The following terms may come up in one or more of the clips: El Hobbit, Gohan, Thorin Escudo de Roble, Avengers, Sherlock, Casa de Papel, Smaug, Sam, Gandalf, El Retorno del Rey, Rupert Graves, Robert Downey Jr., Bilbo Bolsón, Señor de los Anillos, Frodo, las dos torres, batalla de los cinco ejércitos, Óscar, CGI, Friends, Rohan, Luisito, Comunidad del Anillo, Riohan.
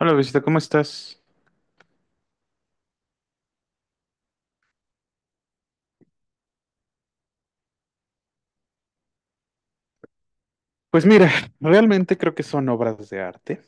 Hola, Luisito, ¿cómo estás? Pues mira, realmente creo que son obras de arte.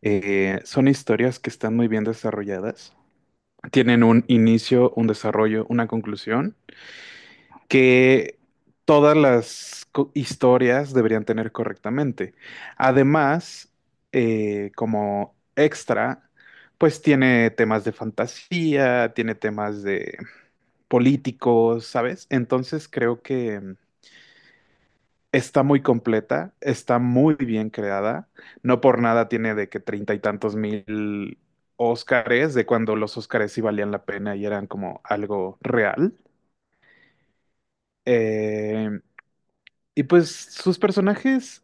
Son historias que están muy bien desarrolladas. Tienen un inicio, un desarrollo, una conclusión que todas las historias deberían tener correctamente. Además, como extra, pues tiene temas de fantasía, tiene temas de políticos, ¿sabes? Entonces creo que está muy completa, está muy bien creada. No por nada tiene de que treinta y tantos mil Óscares, de cuando los Óscares sí valían la pena y eran como algo real. Eh, y pues sus personajes,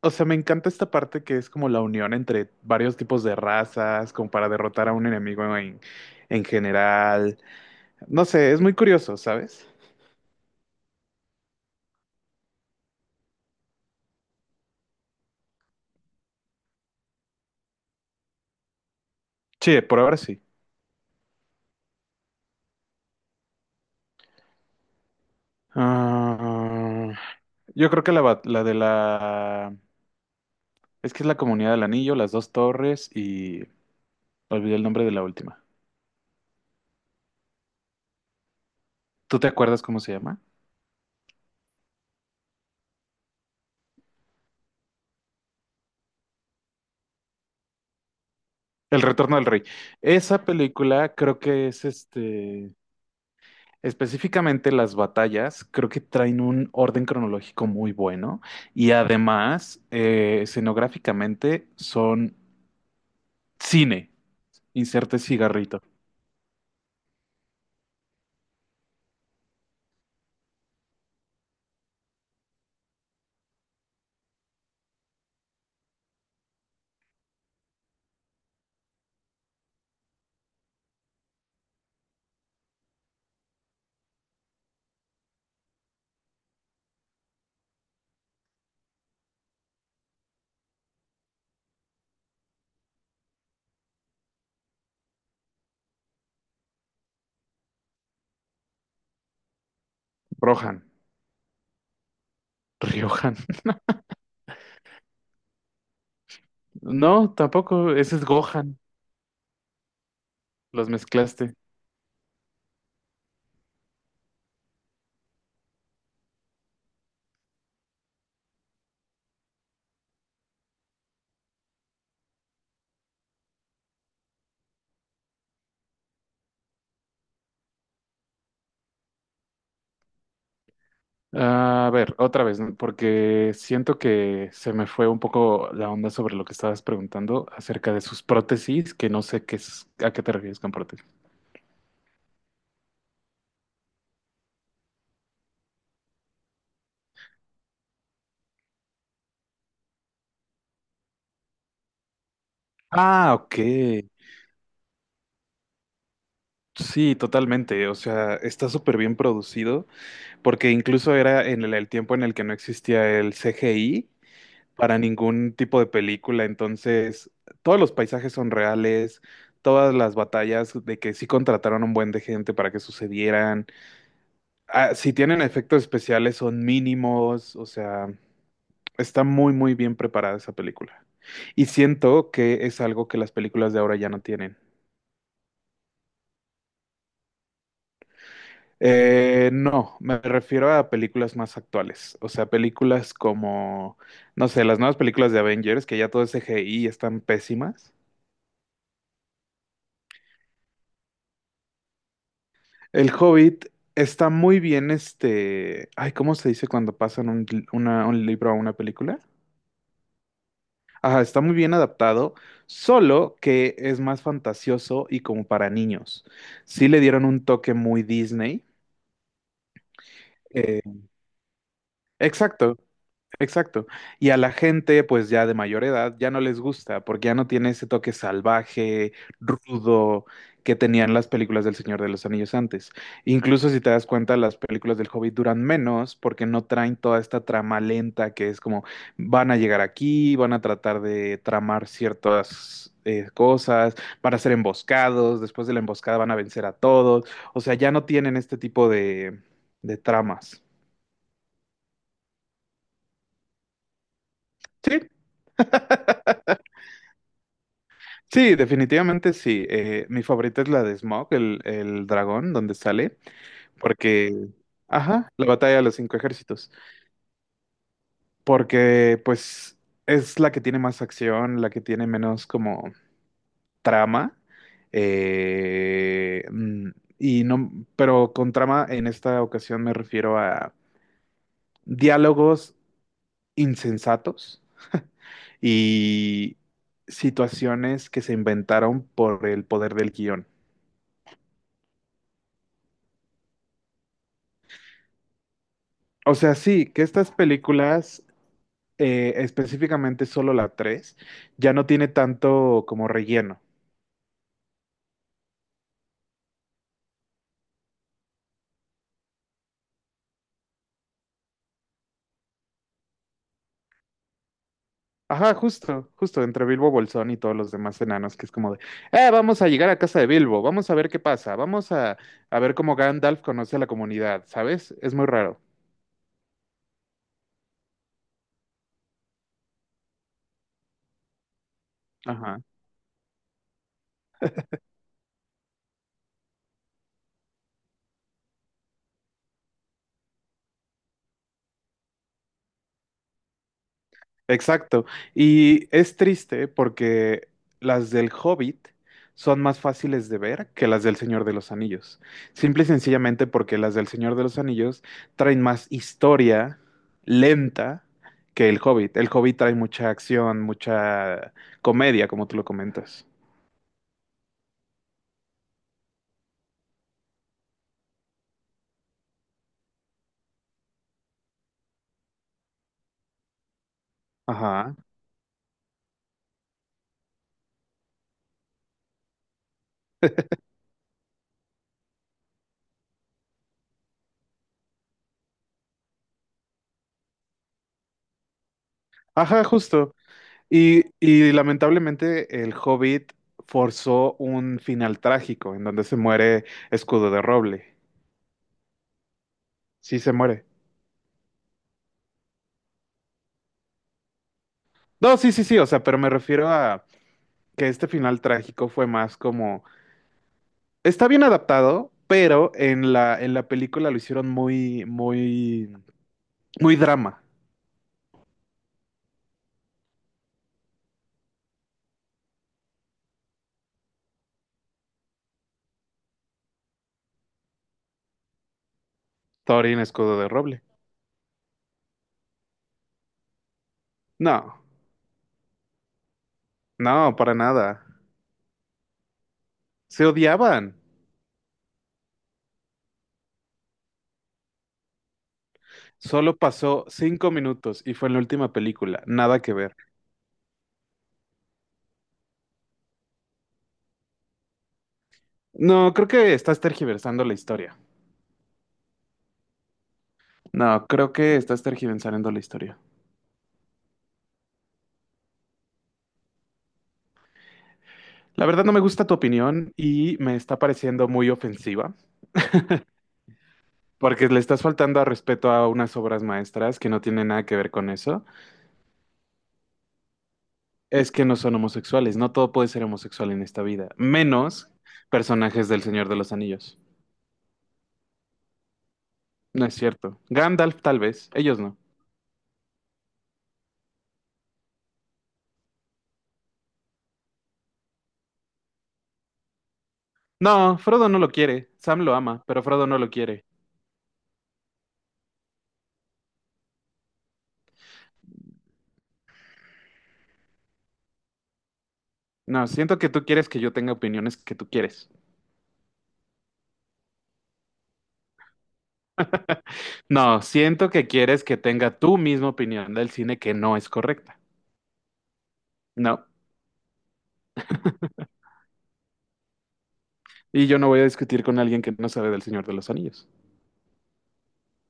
o sea, me encanta esta parte que es como la unión entre varios tipos de razas, como para derrotar a un enemigo en general. No sé, es muy curioso, ¿sabes? Sí, por ahora sí. Ah, yo creo que la de la. Es que es la Comunidad del Anillo, Las Dos Torres y olvidé el nombre de la última. ¿Tú te acuerdas cómo se llama? El Retorno del Rey. Esa película creo que es específicamente las batallas, creo que traen un orden cronológico muy bueno y además escenográficamente son cine. Inserte cigarrito. Rohan. Riohan. No, tampoco, ese es Gohan. Los mezclaste. A ver, otra vez, porque siento que se me fue un poco la onda sobre lo que estabas preguntando acerca de sus prótesis, que no sé qué es, a qué te refieres con prótesis. Ah, ok. Sí, totalmente. O sea, está súper bien producido, porque incluso era en el tiempo en el que no existía el CGI para ningún tipo de película. Entonces, todos los paisajes son reales, todas las batallas de que sí contrataron un buen de gente para que sucedieran. Ah, si tienen efectos especiales son mínimos, o sea, está muy bien preparada esa película. Y siento que es algo que las películas de ahora ya no tienen. No, me refiero a películas más actuales, o sea, películas como, no sé, las nuevas películas de Avengers, que ya todo es CGI y están pésimas. El Hobbit está muy bien, ay, ¿cómo se dice cuando pasan un libro a una película? Ajá, está muy bien adaptado, solo que es más fantasioso y como para niños. Sí le dieron un toque muy Disney. Eh, exacto. Exacto. Y a la gente, pues ya de mayor edad, ya no les gusta, porque ya no tiene ese toque salvaje, rudo, que tenían las películas del Señor de los Anillos antes. Incluso si te das cuenta, las películas del Hobbit duran menos porque no traen toda esta trama lenta que es como van a llegar aquí, van a tratar de tramar ciertas cosas, van a ser emboscados, después de la emboscada van a vencer a todos. O sea, ya no tienen este tipo de tramas. Sí, sí, definitivamente sí. Mi favorita es la de Smaug, el dragón, donde sale, porque, ajá, la batalla de los cinco ejércitos, porque pues es la que tiene más acción, la que tiene menos como trama, eh, mm, y no, pero con trama en esta ocasión me refiero a diálogos insensatos y situaciones que se inventaron por el poder del guión. O sea, sí, que estas películas, específicamente solo la 3 ya no tiene tanto como relleno. Ajá, justo, justo, entre Bilbo Bolsón y todos los demás enanos, que es como de, vamos a llegar a casa de Bilbo, vamos a ver qué pasa, vamos a ver cómo Gandalf conoce a la comunidad, ¿sabes? Es muy raro. Ajá. Exacto. Y es triste porque las del Hobbit son más fáciles de ver que las del Señor de los Anillos. Simple y sencillamente porque las del Señor de los Anillos traen más historia lenta que el Hobbit. El Hobbit trae mucha acción, mucha comedia, como tú lo comentas. Ajá. Ajá, justo. Y lamentablemente el Hobbit forzó un final trágico en donde se muere Escudo de Roble. Sí se muere. No, sí, sí, sí, o sea, pero me refiero a que este final trágico fue más como, está bien adaptado, pero en en la película lo hicieron muy drama. Thorin Escudo de Roble. No, no, para nada. Se odiaban. Solo pasó cinco minutos y fue en la última película. Nada que ver. No, creo que estás tergiversando la historia. No, creo que estás tergiversando la historia. La verdad no me gusta tu opinión y me está pareciendo muy ofensiva. Porque le estás faltando a respeto a unas obras maestras que no tienen nada que ver con eso, es que no son homosexuales. No todo puede ser homosexual en esta vida, menos personajes del Señor de los Anillos. No es cierto. Gandalf tal vez, ellos no. No, Frodo no lo quiere. Sam lo ama, pero Frodo no lo quiere. No, siento que tú quieres que yo tenga opiniones que tú quieres. No, siento que quieres que tenga tu misma opinión del cine que no es correcta. No. Y yo no voy a discutir con alguien que no sabe del Señor de los Anillos.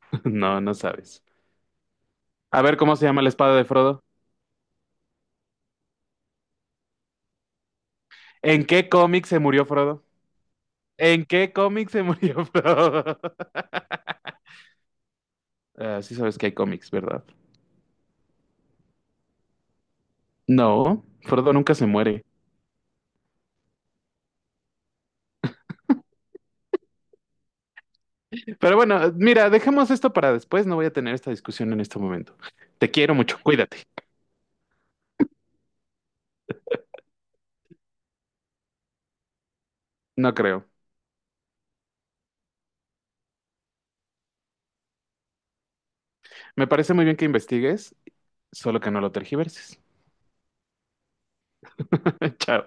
No, no sabes. A ver cómo se llama la espada de Frodo. ¿En qué cómic se murió Frodo? ¿En qué cómic se murió Frodo? Ah, sí sabes que hay cómics, ¿verdad? No, Frodo nunca se muere. Pero bueno, mira, dejemos esto para después. No voy a tener esta discusión en este momento. Te quiero mucho, cuídate. No creo. Me parece muy bien que investigues, solo que no lo tergiverses. Chao.